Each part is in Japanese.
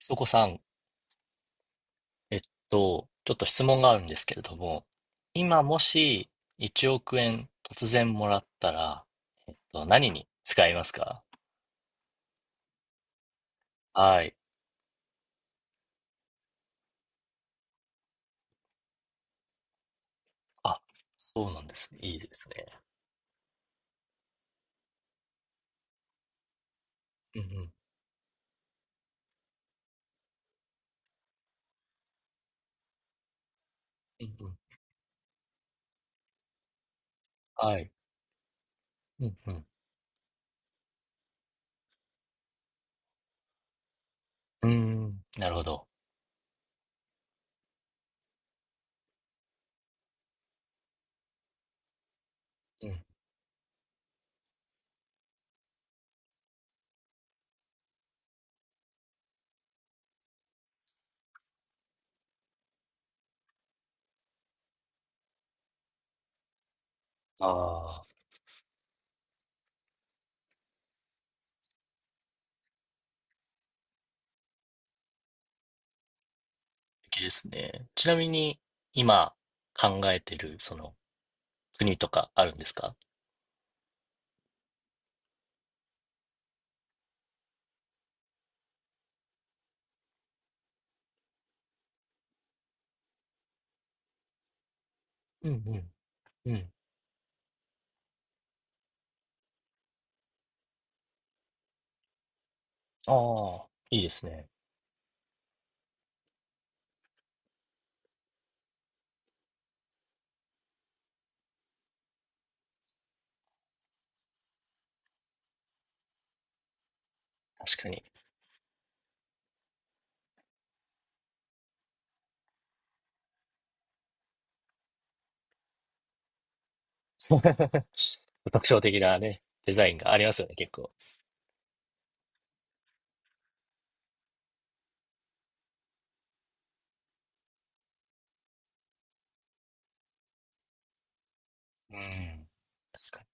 そこさん、えっちょっと質問があるんですけれども、今もし1億円突然もらったら、何に使いますか？はい。あ、そうなんですね。いいですね。うんうん。うんうん。はい。うんうん。うーん。なるほど。うん。ああ、素敵ですね。ちなみに、今考えてる、その、国とかあるんですか？うんうん。うん。ああ、いいですね。確かに。特徴的なね、デザインがありますよね、結構。うん。確か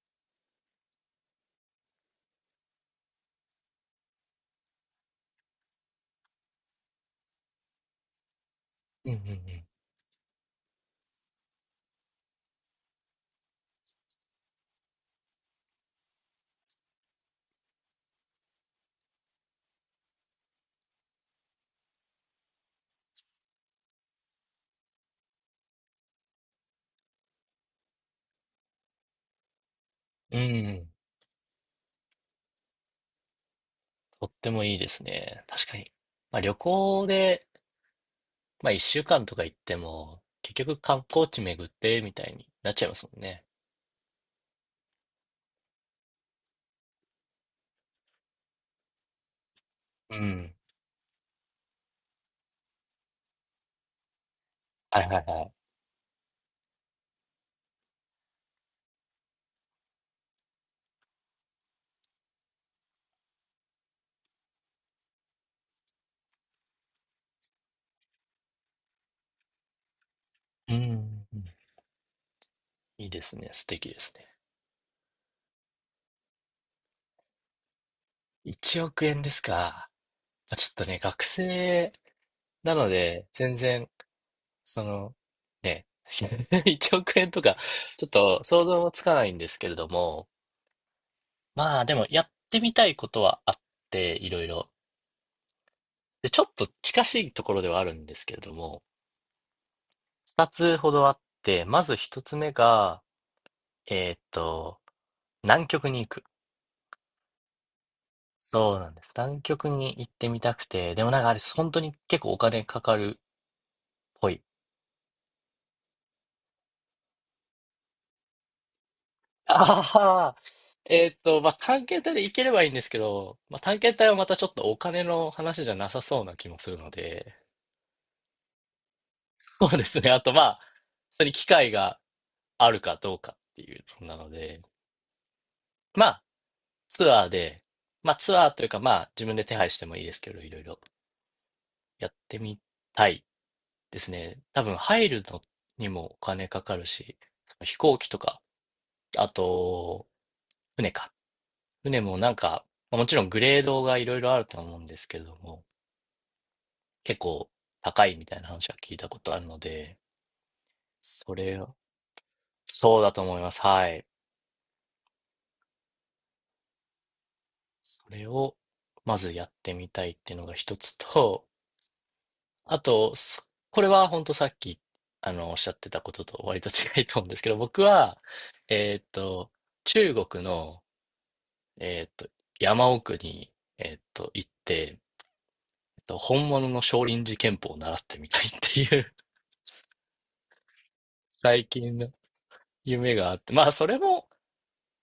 に。うんうんうん。うんうん。とってもいいですね。確かに。まあ旅行で、まあ1週間とか行っても、結局観光地巡ってみたいになっちゃいますもんね。うん。はいはいはい。うんうんうん。いいですね。素敵ですね。1億円ですか。まあちょっとね、学生なので、全然その、ね、1億円とか、ちょっと想像もつかないんですけれども、まあでもやってみたいことはあって、いろいろ。で、ちょっと近しいところではあるんですけれども、2つほどあって、まず1つ目が、えーっと、南極に行く。そうなんです。南極に行ってみたくて、でもなんかあれ、本当に結構お金かかるっぽい。ああ、まあ、探検隊で行ければいいんですけど、まあ、探検隊はまたちょっとお金の話じゃなさそうな気もするので、そうですね。あと、まあ、普通に機会があるかどうかっていうのなので、まあ、ツアーで、まあ、ツアーというか、まあ、自分で手配してもいいですけど、いろいろやってみたいですね。多分、入るのにもお金かかるし、飛行機とか、あと、船か。船もなんか、まあもちろんグレードがいろいろあると思うんですけども、結構高いみたいな話は聞いたことあるので、それをそうだと思います。はい。それをまずやってみたいっていうのが一つと、あと、これは本当さっき、おっしゃってたことと割と違いと思うんですけど、僕は、えーっと、中国の、えーっと、山奥に、行って、本物の少林寺拳法を習ってみたいっていう 最近の夢があって、まあ、それも、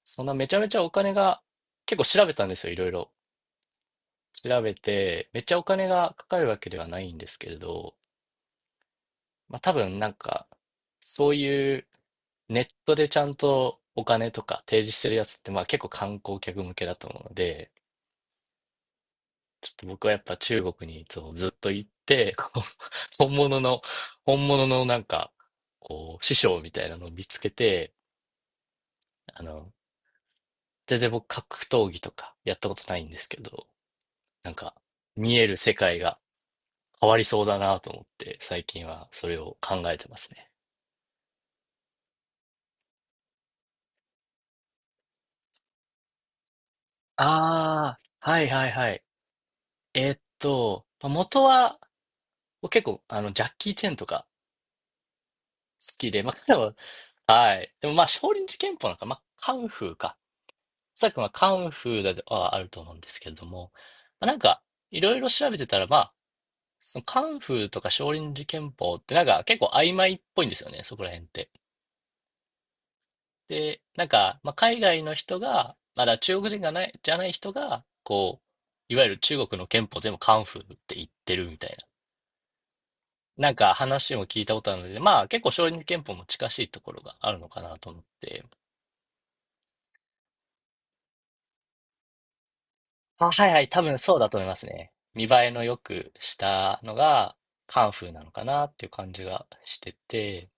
そんなめちゃめちゃお金が、結構調べたんですよ、いろいろ。調べて、めっちゃお金がかかるわけではないんですけれど、まあ多分なんか、そういうネットでちゃんとお金とか提示してるやつって、まあ結構観光客向けだと思うので、ちょっと僕はやっぱ中国にいつもずっと行って、こう本物の、本物のなんか、こう、師匠みたいなのを見つけて、あの、全然僕格闘技とかやったことないんですけど、なんか、見える世界が変わりそうだなと思って、最近はそれを考えてますね。ああ、はいはいはい。まあ元は、結構、ジャッキー・チェンとか好きで、まあ、彼は、はい。でもまあ、少林寺拳法なんか、まあ、カンフーか。さっきはカンフーだとはあると思うんですけれども、まあ、なんか、いろいろ調べてたら、まあ、そのカンフーとか少林寺拳法ってなんか結構曖昧っぽいんですよね、そこら辺って。で、なんか、まあ、海外の人が、まだ中国人がない、じゃない人が、こう、いわゆる中国の憲法全部カンフーって言ってるみたいな。なんか話も聞いたことあるので、まあ結構少林憲法も近しいところがあるのかなと思って。あ、はいはい、多分そうだと思いますね。見栄えの良くしたのがカンフーなのかなっていう感じがしてて。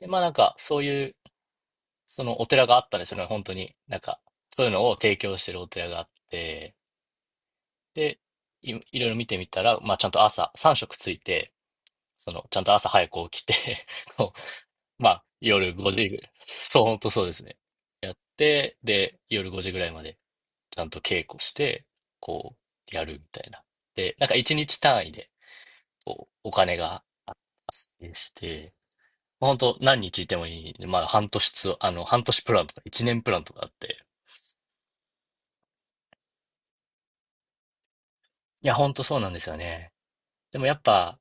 で、まあなんかそういう、そのお寺があったんですよね、本当に。なんか、そういうのを提供してるお寺があって。で、いろいろ見てみたら、まあ、ちゃんと朝、3食ついて、その、ちゃんと朝早く起きて こう、まあ、夜5時そう、本当そうですね。やって、で、夜5時ぐらいまで、ちゃんと稽古して、こう、やるみたいな。で、なんか1日単位で、こう、お金が発生して、まあ本当何日いてもいいんで、まあ、半年つ、半年プランとか、1年プランとかあって、いや、ほんとそうなんですよね。でもやっぱ、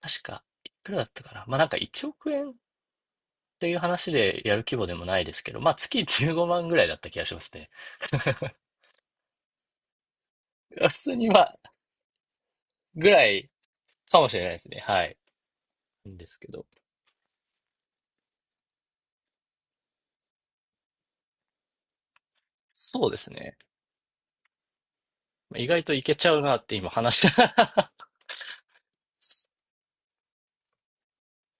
確か、いくらだったかな。まあなんか1億円っていう話でやる規模でもないですけど、まあ月15万ぐらいだった気がしますね。普通にまあ、ぐらいかもしれないですね。はい。ですけど。そうですね。まあ意外といけちゃうなって今話して。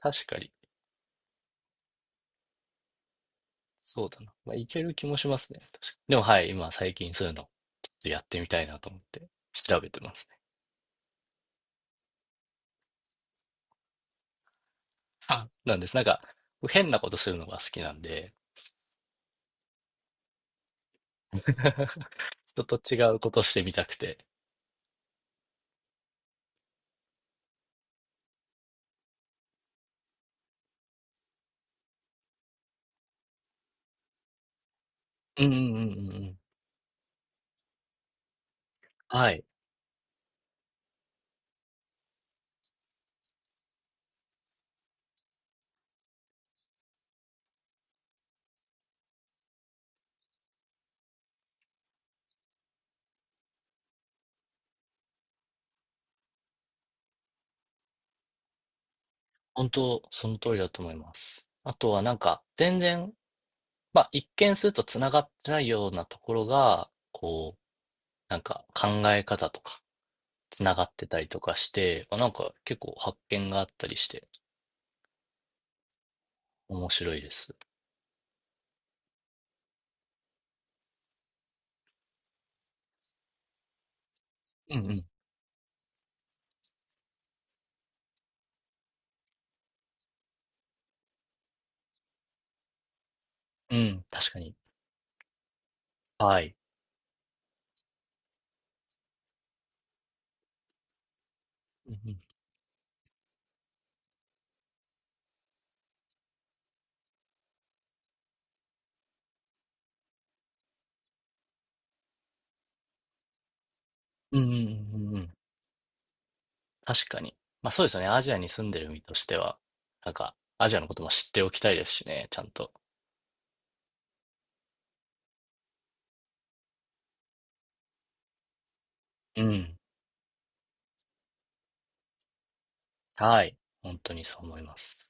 確かに。そうだな。まあ、いける気もしますね。確かにでもはい、今最近そういうの、ちょっとやってみたいなと思って調べてますね。あなんです。なんか、変なことするのが好きなんで、人と違うことしてみたくて。うんうんうんうんうん。はい。本当、その通りだと思います。あとはなんか、全然、まあ、一見するとつながってないようなところが、こう、なんか考え方とか、つながってたりとかして、まあ、なんか結構発見があったりして、面白いです。うんうん。うん、確かに。はい。うんうん。うんうんうんうんうん。確かに。まあそうですよね。アジアに住んでる身としては、なんか、アジアのことも知っておきたいですしね、ちゃんと。うん。はい。本当にそう思います。